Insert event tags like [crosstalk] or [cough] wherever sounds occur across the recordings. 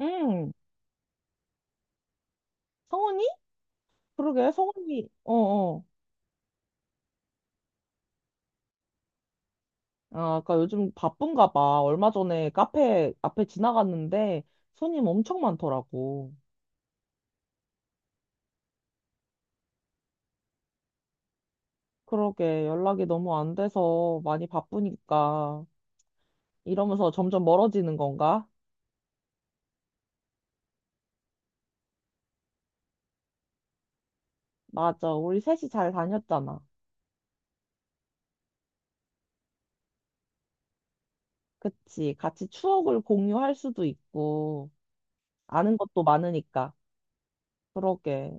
응, 성훈이? 그러게, 성훈이, 어어. 아, 그니까 요즘 바쁜가 봐. 얼마 전에 카페 앞에 지나갔는데 손님 엄청 많더라고. 그러게, 연락이 너무 안 돼서 많이 바쁘니까. 이러면서 점점 멀어지는 건가? 맞아, 우리 셋이 잘 다녔잖아. 그치, 같이 추억을 공유할 수도 있고, 아는 것도 많으니까. 그러게,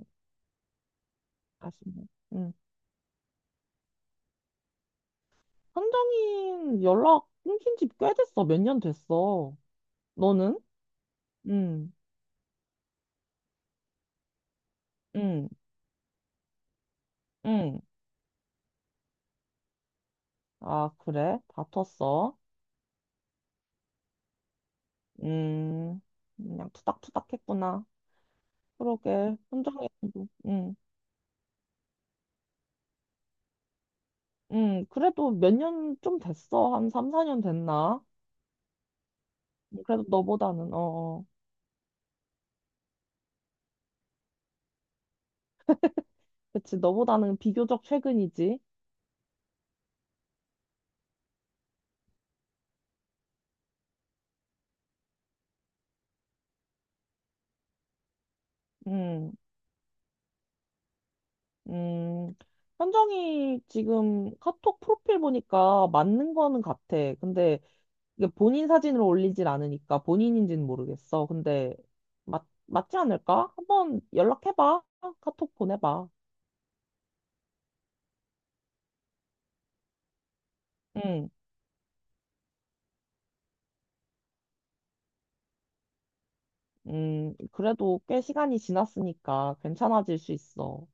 아쉽네. 응. 선정인 연락 끊긴 지 꽤 됐어. 몇 년 됐어. 너는? 응, 응, 응. 아, 그래? 다퉜어? 음, 그냥 투닥투닥 했구나. 그러게, 현장에서도. 응, 응. 그래도 몇 년 좀 됐어. 한 3, 4년 됐나? 그래도 너보다는, 어, 어. 그치, 너보다는 비교적 최근이지. 음, 음. 현정이 지금 카톡 프로필 보니까 맞는 거는 같아. 근데 이게 본인 사진으로 올리질 않으니까 본인인지는 모르겠어. 근데 맞지 않을까? 한번 연락해봐. 카톡 보내봐. 응, 그래도 꽤 시간이 지났으니까 괜찮아질 수 있어.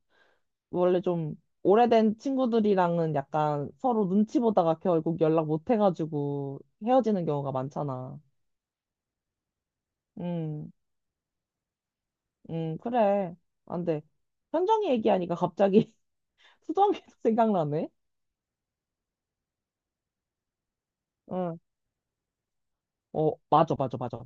원래 좀 오래된 친구들이랑은 약간 서로 눈치 보다가 결국 연락 못 해가지고 헤어지는 경우가 많잖아. 음, 그래. 안 돼. 현정이 얘기하니까 갑자기 [laughs] 수정이도 생각나네. 응. 어, 맞아, 맞아, 맞아.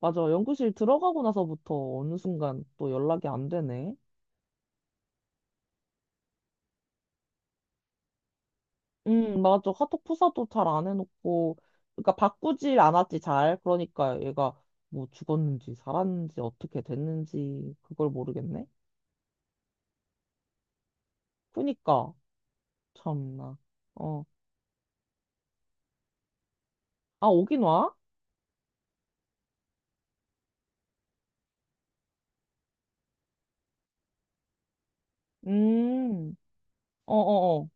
맞아. 연구실 들어가고 나서부터 어느 순간 또 연락이 안 되네. 맞아. 카톡 프사도 잘 안 해놓고, 그러니까 바꾸질 않았지, 잘. 그러니까 얘가 뭐 죽었는지 살았는지 어떻게 됐는지 그걸 모르겠네. 그니까, 참나. 어. 아, 오긴 와? 음, 어어어.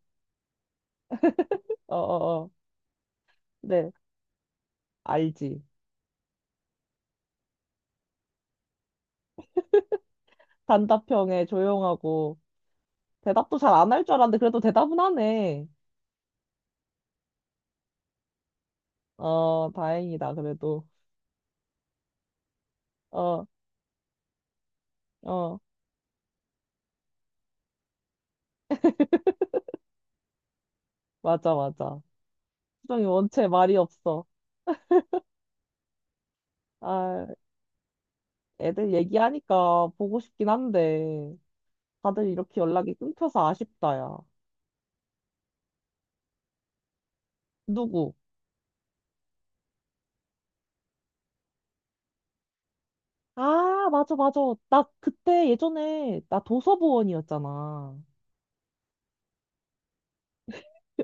어 어 어. 네, 알지. 단답형에 조용하고, 대답도 잘 안 할 줄 알았는데, 그래도 대답은 하네. 어, 다행이다, 그래도. 어, 어. 맞아, 맞아. 수정이 원체 말이 없어. 아, 애들 얘기하니까 보고 싶긴 한데, 다들 이렇게 연락이 끊겨서 아쉽다, 야. 누구? 아, 맞아, 맞아. 나 그때 예전에, 나 도서부원이었잖아.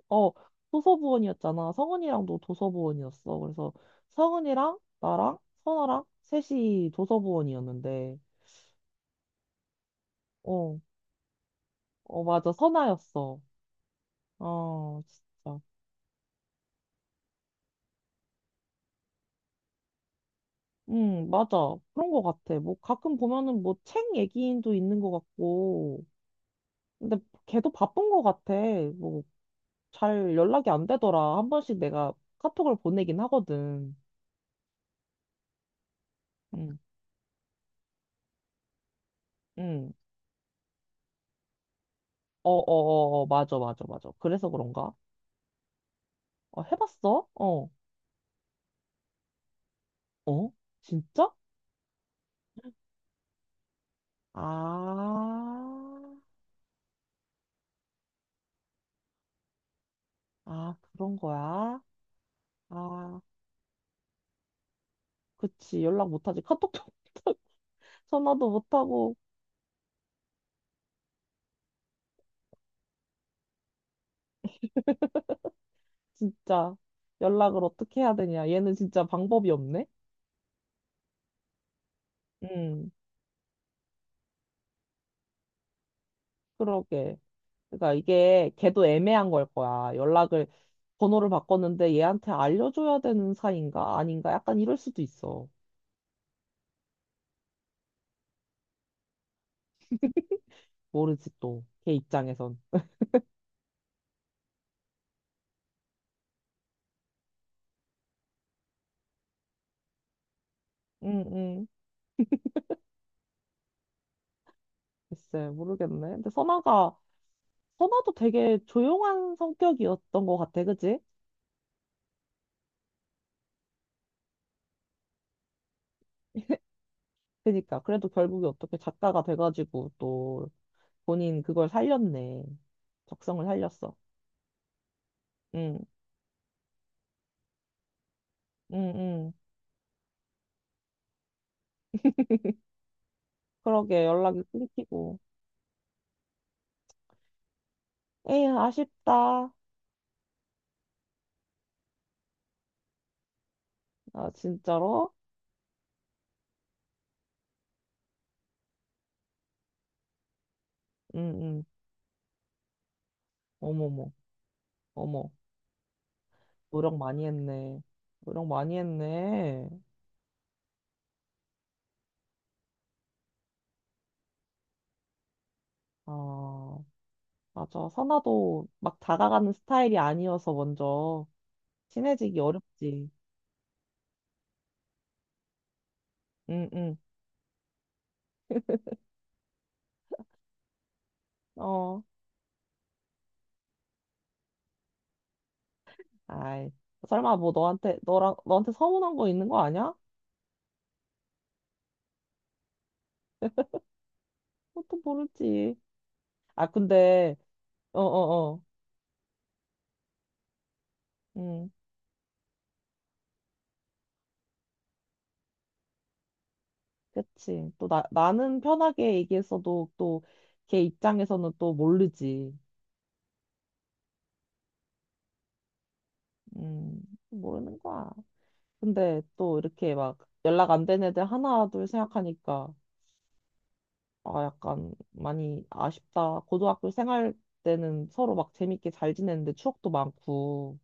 어, 도서부원이었잖아. 성은이랑도 도서부원이었어. 그래서 성은이랑 나랑 선아랑 셋이 도서부원이었는데, 어, 어, 맞아. 선아였어. 어, 진짜. 응, 맞아. 그런 거 같아. 뭐 가끔 보면은 뭐 책 얘기인도 있는 거 같고. 근데 걔도 바쁜 거 같아. 뭐 잘 연락이 안 되더라. 한 번씩 내가 카톡을 보내긴 하거든. 응, 응. 어, 어, 어, 어, 맞아, 맞아, 맞아. 그래서 그런가? 어, 해봤어? 어, 어? 진짜? 아, 아, 그런 거야? 아, 그치. 연락 못하지. 카톡도 [laughs] 못하고, 전화도 못하고. 진짜 연락을 어떻게 해야 되냐. 얘는 진짜 방법이 없네? 음, 그러게. 그러니까 이게 걔도 애매한 걸 거야. 연락을, 번호를 바꿨는데 얘한테 알려줘야 되는 사이인가? 아닌가? 약간 이럴 수도 있어. 모르지 또. 걔 입장에선. 응, 응. 글쎄, 모르겠네. 근데 선아가, 선아도 되게 조용한 성격이었던 것 같아. 그지? 그니까. 그래도 결국에 어떻게 작가가 돼가지고 또 본인 그걸 살렸네. 적성을 살렸어. 응, 응, 응. 그러게 연락이 끊기고. 에휴, 아쉽다. 아, 진짜로? 응, 응. 어머머, 어머. 노력 많이 했네. 노력 많이 했네. 아, 맞아. 선아도 막 다가가는 스타일이 아니어서 먼저 친해지기 어렵지. 응, 응. 어, 아이. 설마 뭐 너한테, 너랑, 너한테 서운한 거 있는 거 아니야? 그것도 모르지. 아, 근데, 어어어. 응. 그치. 또 나는 편하게 얘기했어도 또 걔 입장에서는 또 모르지. 음, 모르는 거야. 근데 또 이렇게 막 연락 안 된 애들 하나, 둘 생각하니까 아, 약간 많이 아쉽다. 고등학교 생활 때는 서로 막 재밌게 잘 지냈는데 추억도 많고.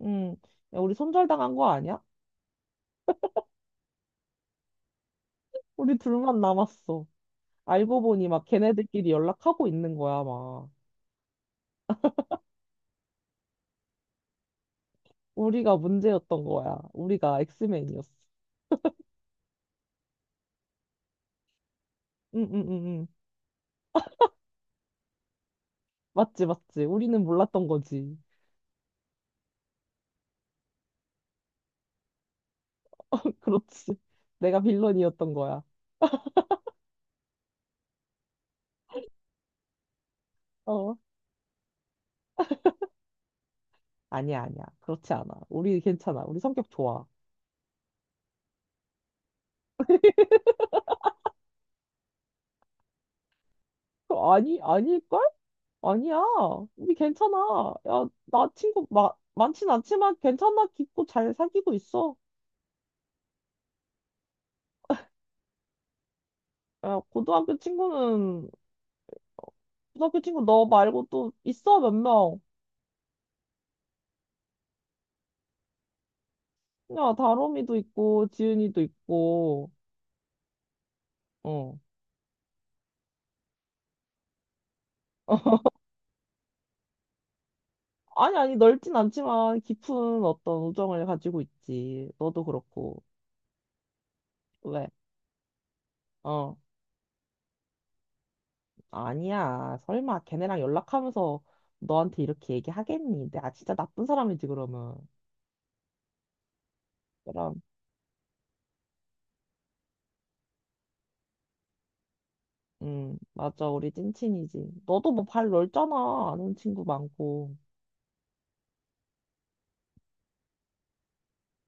음, 야, 우리 손절당한 거 아니야? 우리 둘만 남았어. 알고 보니 막 걔네들끼리 연락하고 있는 거야, 막. 우리가 문제였던 거야. 우리가 엑스맨이었어. 응응응응. 맞지, 맞지. 우리는 몰랐던 거지. [laughs] 그렇지. 내가 빌런이었던 거야. 어. 아니야, 아니야. 그렇지 않아. 우리 괜찮아. 우리 성격 좋아. 어, 아니, 아닐걸? 아니야. 우리 괜찮아. 야, 나 친구 많진 않지만 괜찮아. 깊고 잘 사귀고 있어. 야, 고등학교 친구 너 말고 또 있어, 몇 명. 야, 다롬이도 있고, 지은이도 있고, 어. 아니, 아니, 넓진 않지만 깊은 어떤 우정을 가지고 있지. 너도 그렇고. 왜? 어, 아니야. 설마 걔네랑 연락하면서 너한테 이렇게 얘기하겠니? 내가 진짜 나쁜 사람이지, 그러면. 그럼, 맞아. 우리 찐친이지. 너도 뭐 발 넓잖아. 아는 친구 많고.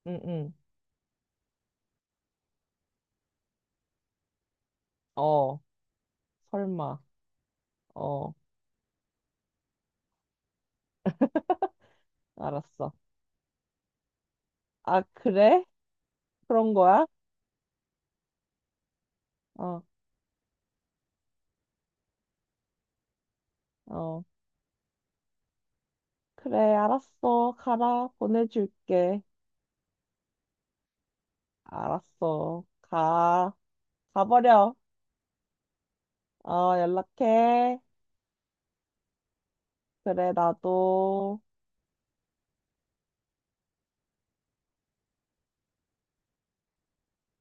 응, 응. 어, 설마. 어, 알았어. 아, 그래? 그런 거야? 어, 어. 그래, 알았어. 가라. 보내줄게. 알았어. 가. 가버려. 어, 연락해. 그래, 나도.